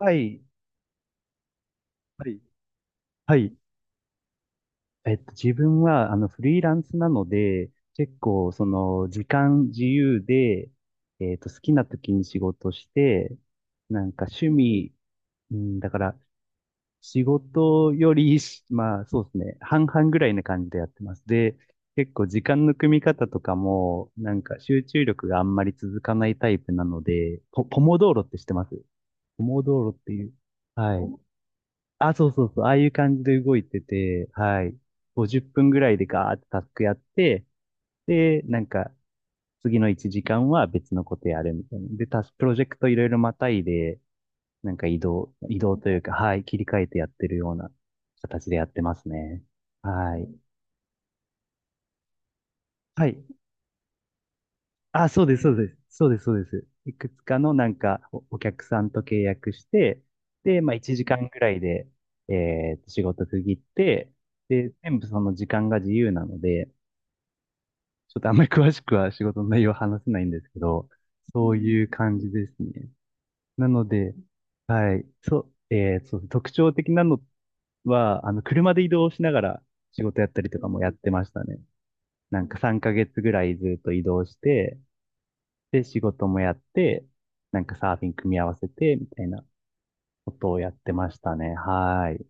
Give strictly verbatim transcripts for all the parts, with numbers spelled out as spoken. はい。やっぱり、はい。えっと、自分は、あの、フリーランスなので、結構、その、時間自由で、えっと、好きな時に仕事して、なんか趣味、うん、だから、仕事よりし、まあ、そうですね、半々ぐらいな感じでやってます。で、結構、時間の組み方とかも、なんか、集中力があんまり続かないタイプなので、ポ、ポモドーロって知ってます？ポモドーロっていう、はい。あ、そうそうそう、ああいう感じで動いてて、はい。ごじゅっぷんぐらいでガーってタスクやって、で、なんか、次のいちじかんは別のことやるみたいな。で、タスク、プロジェクトいろいろまたいで、なんか移動、移動というか、はい、切り替えてやってるような形でやってますね。はい。はい。あ、そうです、そうです。そうです、そうです。いくつかのなんかお、お客さんと契約して、で、まあいちじかんぐらいで、えーと仕事区切って、で、全部その時間が自由なので、ちょっとあんまり詳しくは仕事の内容は話せないんですけど、そういう感じですね。なので、はい、そう、えー、そう、特徴的なのは、あの、車で移動しながら仕事やったりとかもやってましたね。なんかさんかげつぐらいずっと移動して、で、仕事もやって、なんかサーフィン組み合わせて、みたいなことをやってましたね。はい。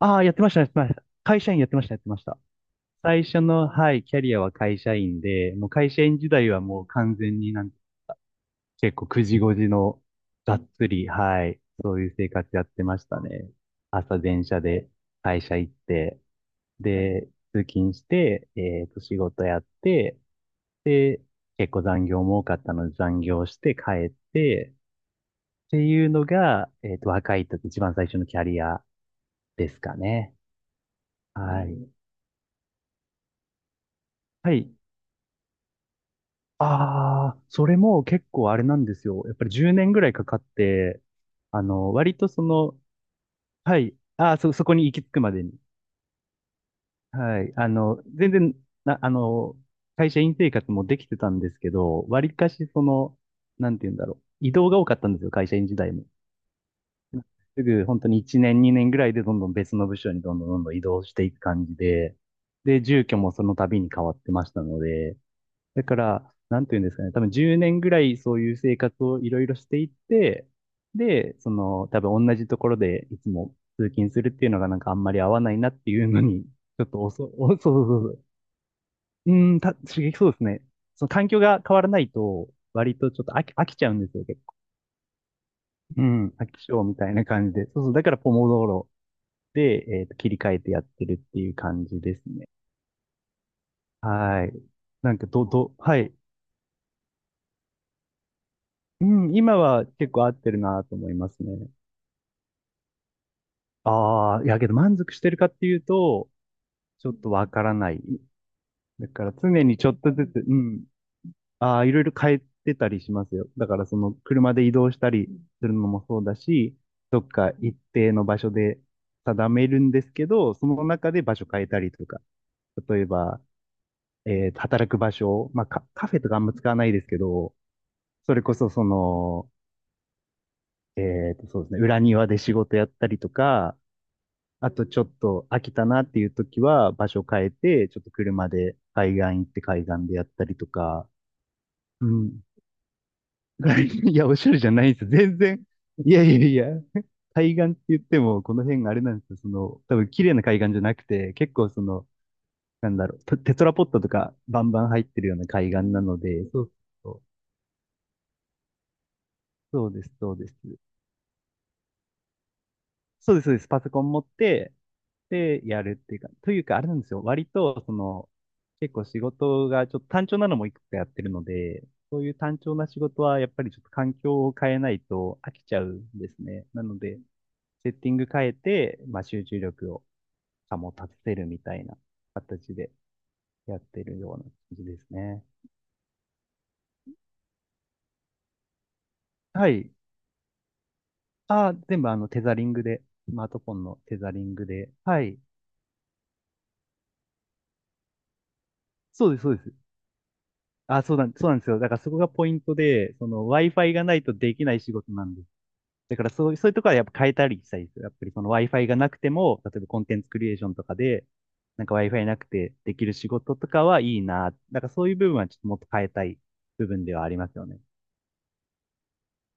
ああ、やってました、やってました。会社員やってました、やってました。最初の、はい、キャリアは会社員で、もう会社員時代はもう完全になん、結構く時ご時のがっつり、はい、そういう生活やってましたね。朝電車で会社行って、で、通勤して、えっと、仕事やって、で、結構残業も多かったので残業して帰って、っていうのが、えっと、若い時、一番最初のキャリアですかね。はい。はい。ああ、それも結構あれなんですよ。やっぱりじゅうねんぐらいかかって、あの、割とその、はい。ああ、そ、そこに行き着くまでに。はい。あの、全然、な、あの、会社員生活もできてたんですけど、割かしその、なんて言うんだろう。移動が多かったんですよ、会社員時代も。すぐ本当にいちねんにねんぐらいでどんどん別の部署にどんどんどんどん移動していく感じで、で、住居もその度に変わってましたので、だから、なんていうんですかね、多分じゅうねんぐらいそういう生活をいろいろしていって、で、その、多分同じところでいつも通勤するっていうのがなんかあんまり合わないなっていうのに、ちょっとおそ、お、そうそうそうそう。うん、た、刺激そうですね。その環境が変わらないと、割とちょっと飽き、飽きちゃうんですよ、結構。うん、飽き性みたいな感じで。そうそう、だからポモドーロで、えっと、切り替えてやってるっていう感じですね。はい。なんか、ど、ど、はい。うん、今は結構合ってるなと思いますね。ああ、いやけど満足してるかっていうと、ちょっとわからない。だから常にちょっとずつ、うん、ああ、いろいろ変えてたりしますよ。だからその車で移動したりするのもそうだし、どっか一定の場所で定めるんですけど、その中で場所変えたりとか、例えばえー働く場所、まあカ、カフェとかあんま使わないですけど、それこそその、えーと、そうですね、裏庭で仕事やったりとか、あとちょっと飽きたなっていう時は場所変えて、ちょっと車で海岸行って海岸でやったりとか、うん。いや、おしゃれじゃないんですよ。全然。いやいやいや。海岸って言っても、この辺があれなんですよ。その、多分綺麗な海岸じゃなくて、結構その、なんだろう、テテトラポットとかバンバン入ってるような海岸なので、そうそう、そうです、そうです。そうです、そうです。パソコン持って、で、やるっていうか、というか、あれなんですよ。割と、その、結構仕事がちょっと単調なのもいくつかやってるので、そういう単調な仕事は、やっぱりちょっと環境を変えないと飽きちゃうんですね。なので、セッティング変えて、まあ、集中力を保たせるみたいな形でやってるような感じですね。はい。あ、全部あの、テザリングで、スマートフォンのテザリングで。はい。そうです、そうです。あ、そうなん、そうなんですよ。だからそこがポイントで、その Wi-Fi がないとできない仕事なんです。だからそう、そういうところはやっぱ変えたりしたいですよ。やっぱりその Wi-Fi がなくても、例えばコンテンツクリエーションとかで、なんか Wi-Fi なくてできる仕事とかはいいな。だからそういう部分はちょっともっと変えたい部分ではありますよね。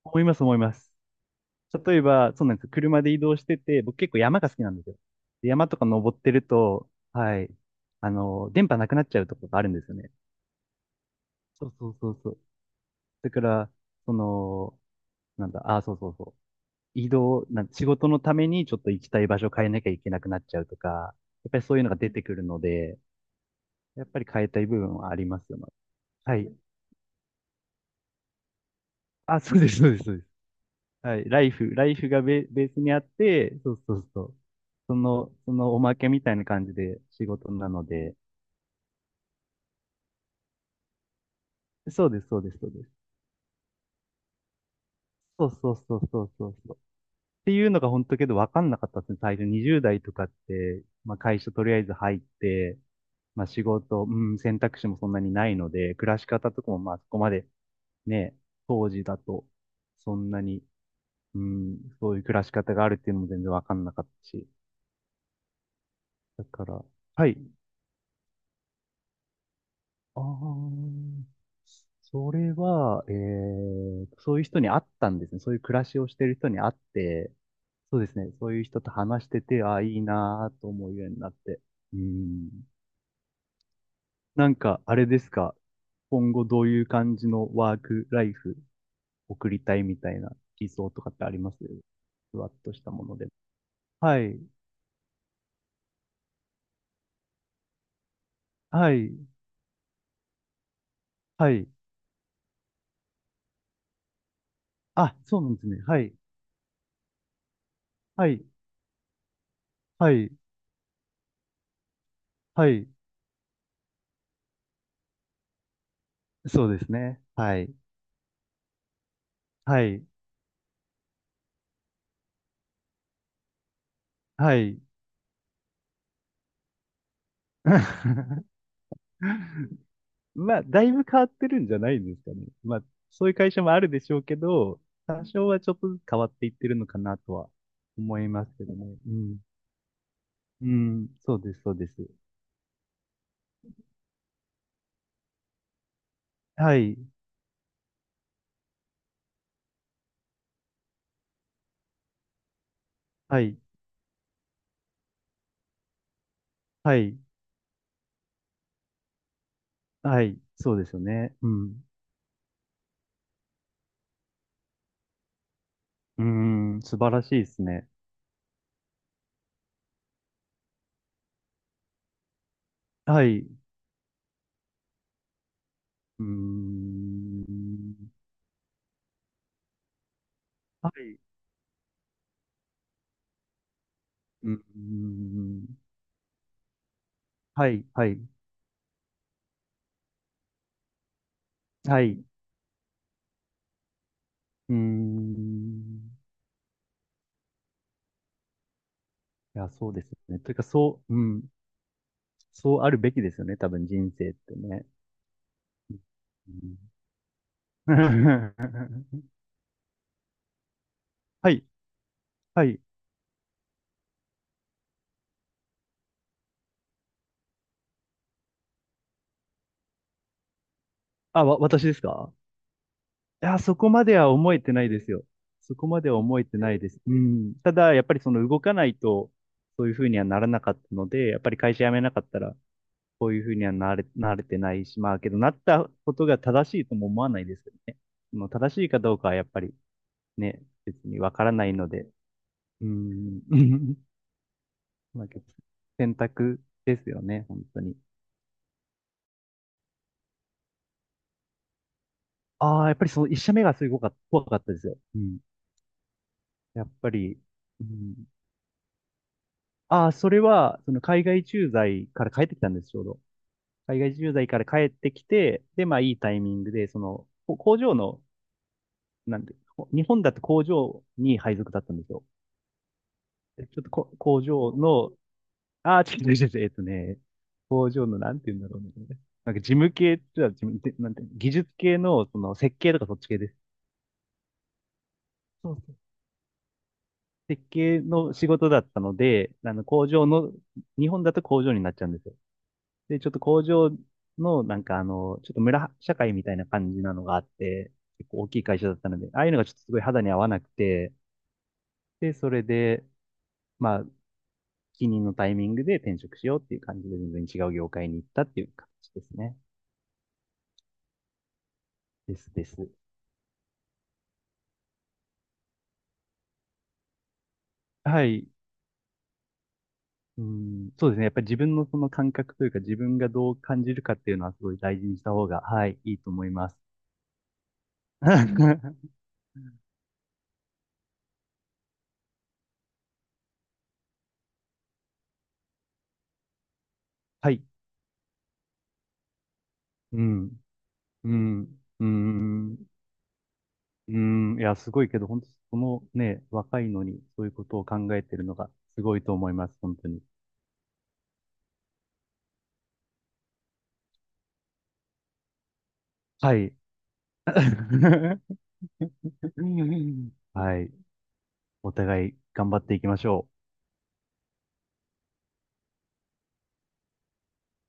思います、思います。例えば、そうなんですよ。車で移動してて、僕結構山が好きなんですよ。で山とか登ってると、はい、あの、電波なくなっちゃうところがあるんですよね。そうそうそうそう。だから、その、なんだ、あ、そうそうそう。移動、なん、仕事のためにちょっと行きたい場所を変えなきゃいけなくなっちゃうとか、やっぱりそういうのが出てくるので、やっぱり変えたい部分はありますよね。はい。あ、そうです、そうです、そうです。はい。ライフ、ライフがベ、ベースにあって、そうそうそう。その、そのおまけみたいな感じで仕事なので、そうです、そうです、そうです。そうそうそうそうそうそう。っていうのが本当けど分かんなかったですね。最初にじゅうだい代とかって、まあ会社とりあえず入って、まあ仕事、うん、選択肢もそんなにないので、暮らし方とかもまあそこまでね、当時だとそんなに、うん、そういう暮らし方があるっていうのも全然分かんなかったし。だから、はい。ああ、それは、えー、そういう人に会ったんですね。そういう暮らしをしてる人に会って、そうですね。そういう人と話してて、ああ、いいなーと思うようになって。うん。なんか、あれですか。今後どういう感じのワークライフ送りたいみたいな理想とかってあります？ふわっとしたもので。はい。はい。はい。あ、そうなんですね。はい。はい。はい。はい。そうですね。はい。はい。はい。まあ、だいぶ変わってるんじゃないですかね。まあ、そういう会社もあるでしょうけど、多少はちょっとずつ変わっていってるのかなとは思いますけどね。うん。うん。そうです、そうです。はい。はい。はい。はい。そうですよね。うん。うーん。素晴らしいですね。はい。うーん。はい。うーん。はい。はい。はい。うーん。いや、そうですね。というか、そう、うん。そうあるべきですよね、多分人生ってね。うん。 はい、はい。あ、わ、私ですか？いや、そこまでは思えてないですよ。そこまでは思えてないです。うん。ただ、やっぱりその動かないと、そういうふうにはならなかったので、やっぱり会社辞めなかったら、こういうふうにはなれ、なれてないし、まあ、けど、なったことが正しいとも思わないですけどね。その正しいかどうかはやっぱりね、別にわからないので、うん。まあ、選択ですよね、本当に。ああ、やっぱりその一社目がすごか、怖かったですよ。うん。やっぱり、うん、ああ、それは、その海外駐在から帰ってきたんです、ちょうど。海外駐在から帰ってきて、で、まあいいタイミングで、その、こ工場の、なんて、こ日本だと工場に配属だったんですよ。でちょっとこ工場の、ああ、違う違う違う、えっとね、工場の、なんて言うんだろうね。なんか事務系って言ったら事務、なんて、技術系の、その設計とかそっち系です。そう設計の仕事だったので、あの工場の、日本だと工場になっちゃうんですよ。で、ちょっと工場の、なんかあの、ちょっと村社会みたいな感じなのがあって、結構大きい会社だったので、ああいうのがちょっとすごい肌に合わなくて、で、それで、まあ、帰任のタイミングで転職しようっていう感じで全然違う業界に行ったっていう感じですね。ですです。はい。うん、そうですね。やっぱり自分のその感覚というか自分がどう感じるかっていうのはすごい大事にした方が、はい、いいと思います。はい。うん、うん、うん、うん、いや、すごいけど、本当そのね、若いのにそういうことを考えてるのがすごいと思います、本当に。はい。はい。お互い頑張っていきましょう。